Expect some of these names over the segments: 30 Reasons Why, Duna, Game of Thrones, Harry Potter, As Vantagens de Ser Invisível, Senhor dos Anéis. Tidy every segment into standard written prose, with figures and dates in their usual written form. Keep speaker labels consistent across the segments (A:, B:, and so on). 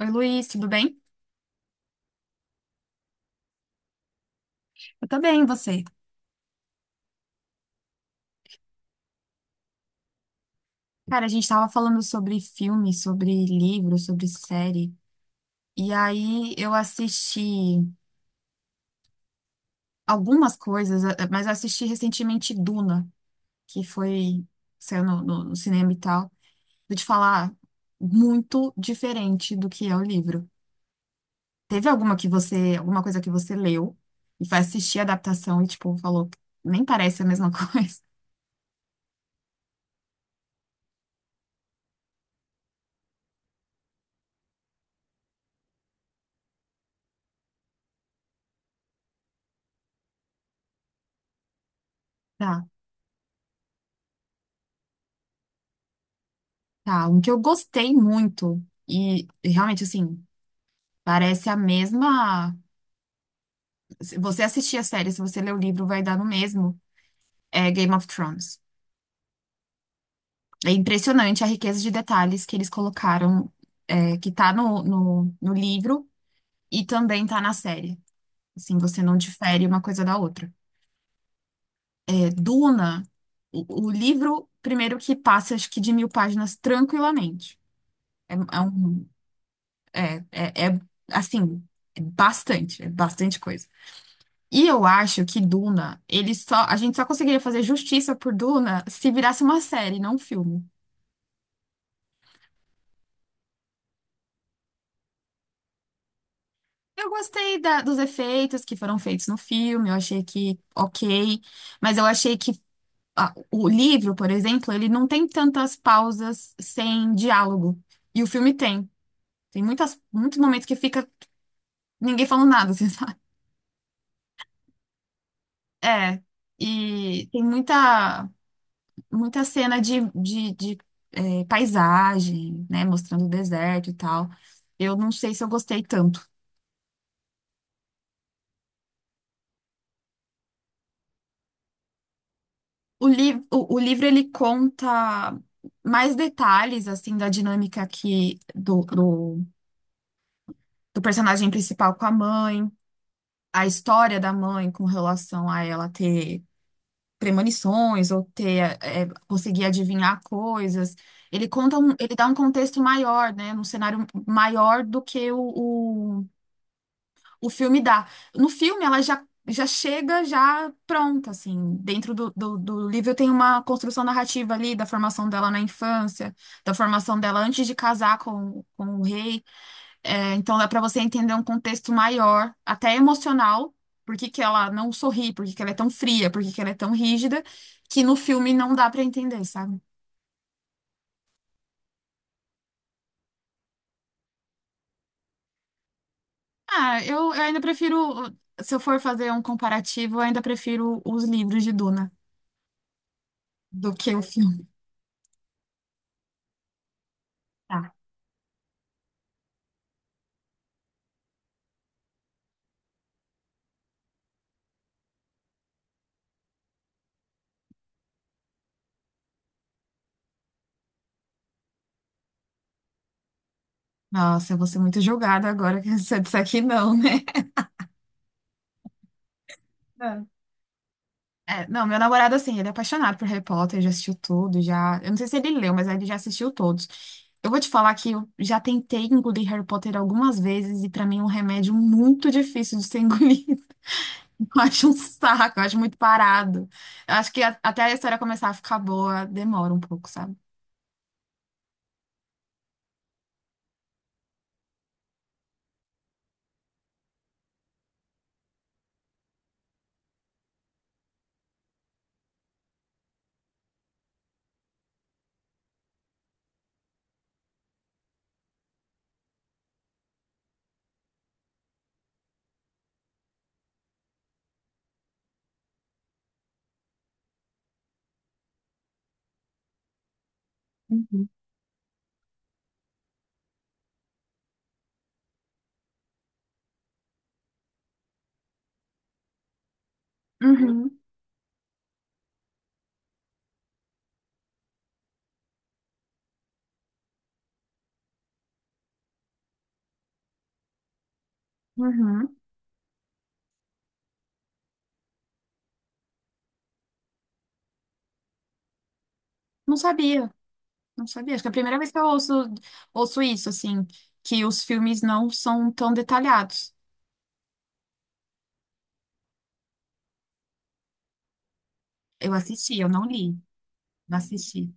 A: Oi, Luiz, tudo bem? Eu tô bem, e você? Cara, a gente tava falando sobre filme, sobre livro, sobre série. E aí eu assisti algumas coisas, mas eu assisti recentemente Duna, que foi, saiu no cinema e tal. Vou te falar, muito diferente do que é o livro. Teve alguma que você, alguma coisa que você leu e foi assistir a adaptação e, tipo, falou, nem parece a mesma coisa. Tá, tá. Um que eu gostei muito. E realmente, assim. Parece a mesma. Se você assistir a série, se você ler o livro, vai dar no mesmo. É Game of Thrones. É impressionante a riqueza de detalhes que eles colocaram, é, que tá no livro e também tá na série. Assim, você não difere uma coisa da outra. É, Duna, o livro, primeiro que passa, acho que de mil páginas tranquilamente. É um. É assim, é bastante coisa. E eu acho que Duna, ele só, a gente só conseguiria fazer justiça por Duna se virasse uma série, não um filme. Eu gostei dos efeitos que foram feitos no filme, eu achei que ok, mas eu achei que o livro, por exemplo, ele não tem tantas pausas sem diálogo. E o filme tem. Tem muitos momentos que fica ninguém falando nada, assim, sabe? É. E tem muita cena paisagem, né? Mostrando o deserto e tal. Eu não sei se eu gostei tanto. O livro ele conta mais detalhes assim da dinâmica aqui do personagem principal com a mãe, a história da mãe com relação a ela ter premonições ou ter conseguir adivinhar coisas. Ele dá um contexto maior, né, um cenário maior do que o filme dá. No filme, ela já chega já pronta, assim. Dentro do livro tem uma construção narrativa ali da formação dela na infância, da formação dela antes de casar com o rei. É, então dá para você entender um contexto maior, até emocional, por que que ela não sorri, por que que ela é tão fria, por que que ela é tão rígida, que no filme não dá para entender, sabe? Ah, eu ainda prefiro, se eu for fazer um comparativo, eu ainda prefiro os livros de Duna do que o filme. Nossa, eu vou ser muito julgada agora que você disser que não, né? É. É, não, meu namorado, assim, ele é apaixonado por Harry Potter, já assistiu tudo, já. Eu não sei se ele leu, mas ele já assistiu todos. Eu vou te falar que eu já tentei engolir Harry Potter algumas vezes e pra mim é um remédio muito difícil de ser engolido. Eu acho um saco, eu acho muito parado. Eu acho que até a história começar a ficar boa demora um pouco, sabe? Uhum. Uhum, uhum. Não sabia. Não sabia. Acho que é a primeira vez que eu ouço isso, assim, que os filmes não são tão detalhados. Eu assisti, eu não li, mas assisti.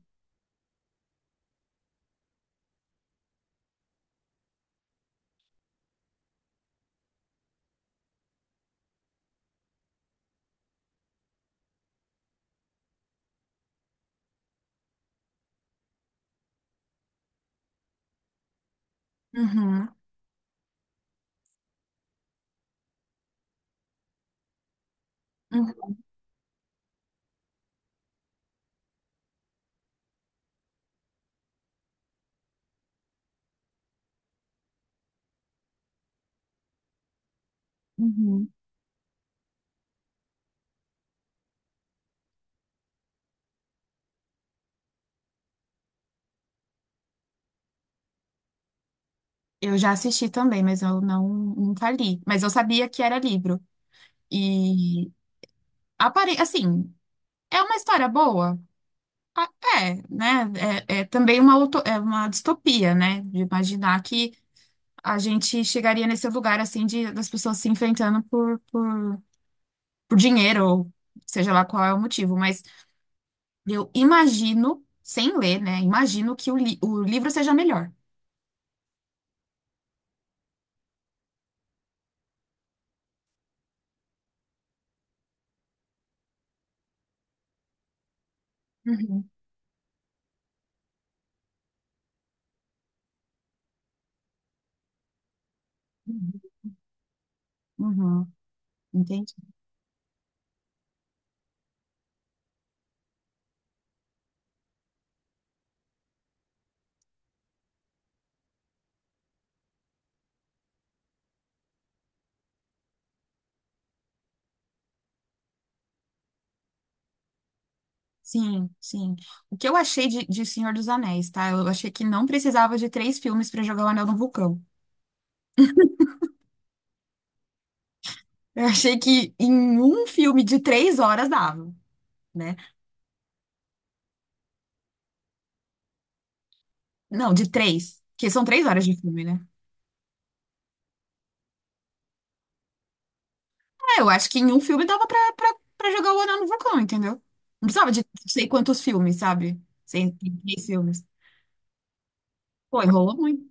A: Uhum, uhum, uhum. Eu já assisti também, mas eu não, nunca li. Mas eu sabia que era livro. E, assim, é uma história boa? Ah, é, né? É também é uma distopia, né? De imaginar que a gente chegaria nesse lugar, assim, das pessoas se enfrentando por dinheiro, ou seja lá qual é o motivo, mas eu imagino, sem ler, né? Imagino que o livro seja melhor. Uhum, uhum. Uhum, entendi. Sim, sim. O que eu achei de Senhor dos Anéis, tá? Eu achei que não precisava de três filmes para jogar o Anel no Vulcão. Eu achei que em um filme de três horas dava, né? Não, de três, porque são três horas de filme, né? É, eu acho que em um filme dava pra jogar o Anel no Vulcão, entendeu? Não precisava de não sei quantos filmes, sabe? Sem três filmes. Pô, enrolou muito.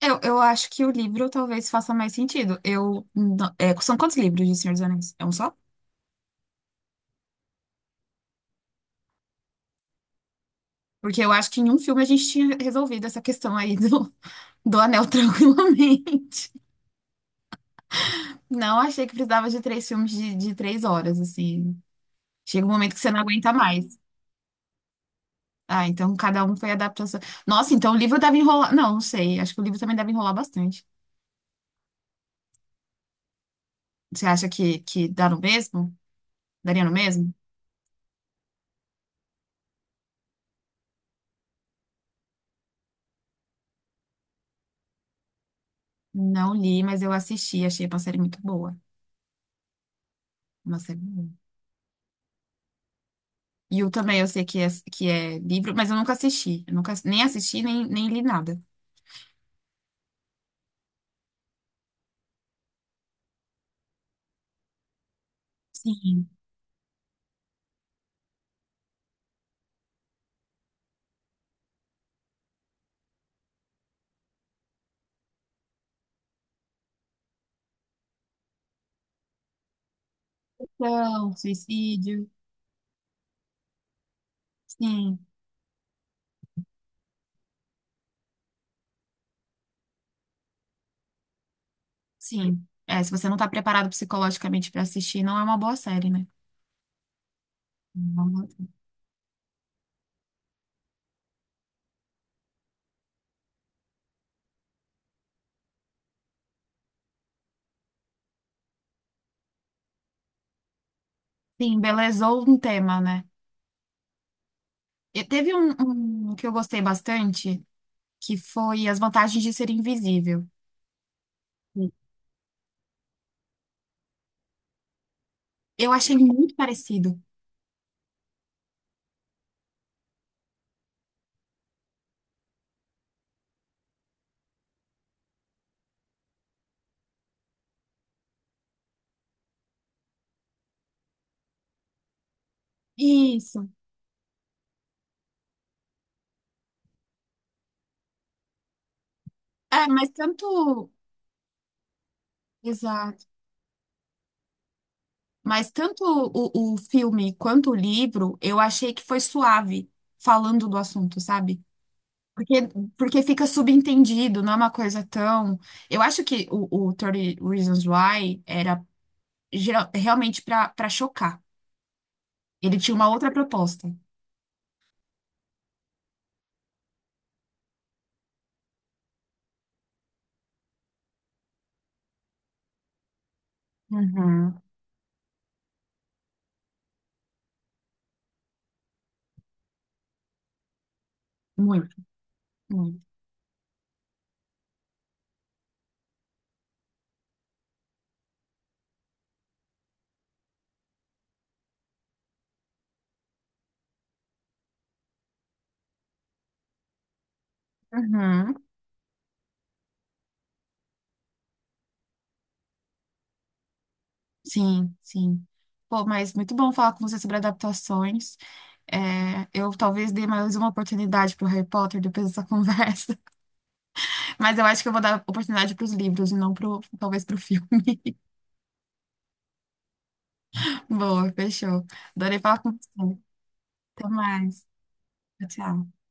A: Eu acho que o livro talvez faça mais sentido. Eu, não- é, são quantos livros de Senhor dos Anéis? É um só? Porque eu acho que em um filme a gente tinha resolvido essa questão aí do anel tranquilamente. Não achei que precisava de três filmes de três horas, assim. Chega um momento que você não aguenta mais. Ah, então cada um foi adaptação. Nossa, então o livro deve enrolar. Não, não sei. Acho que o livro também deve enrolar bastante. Você acha que dá no mesmo? Daria no mesmo? Não li, mas eu assisti. Achei uma série muito boa. Uma série boa. E o também eu sei que que é livro, mas eu nunca assisti. Eu nunca, nem assisti, nem li nada. Sim. Então, suicídio. Sim, sim. É, se você não está preparado psicologicamente para assistir, não é uma boa série, né? Não é uma boa série. Sim, embelezou um tema, né? E teve um que eu gostei bastante, que foi As Vantagens de Ser Invisível. Eu achei muito parecido. Isso. É, mas tanto. Exato. Mas tanto o filme quanto o livro, eu achei que foi suave falando do assunto, sabe? Porque, Porque fica subentendido, não é uma coisa tão. Eu acho que o 30 Reasons Why era realmente para chocar. Ele tinha uma outra proposta. Uhum. Muito, muito. Uhum. Sim, sim. Pô, mas muito bom falar com você sobre adaptações. É, eu talvez dê mais uma oportunidade para o Harry Potter depois dessa conversa, mas eu acho que eu vou dar oportunidade para os livros e não pro, talvez para o filme. Boa, fechou. Adorei falar com você. Até mais. Tchau, tchau.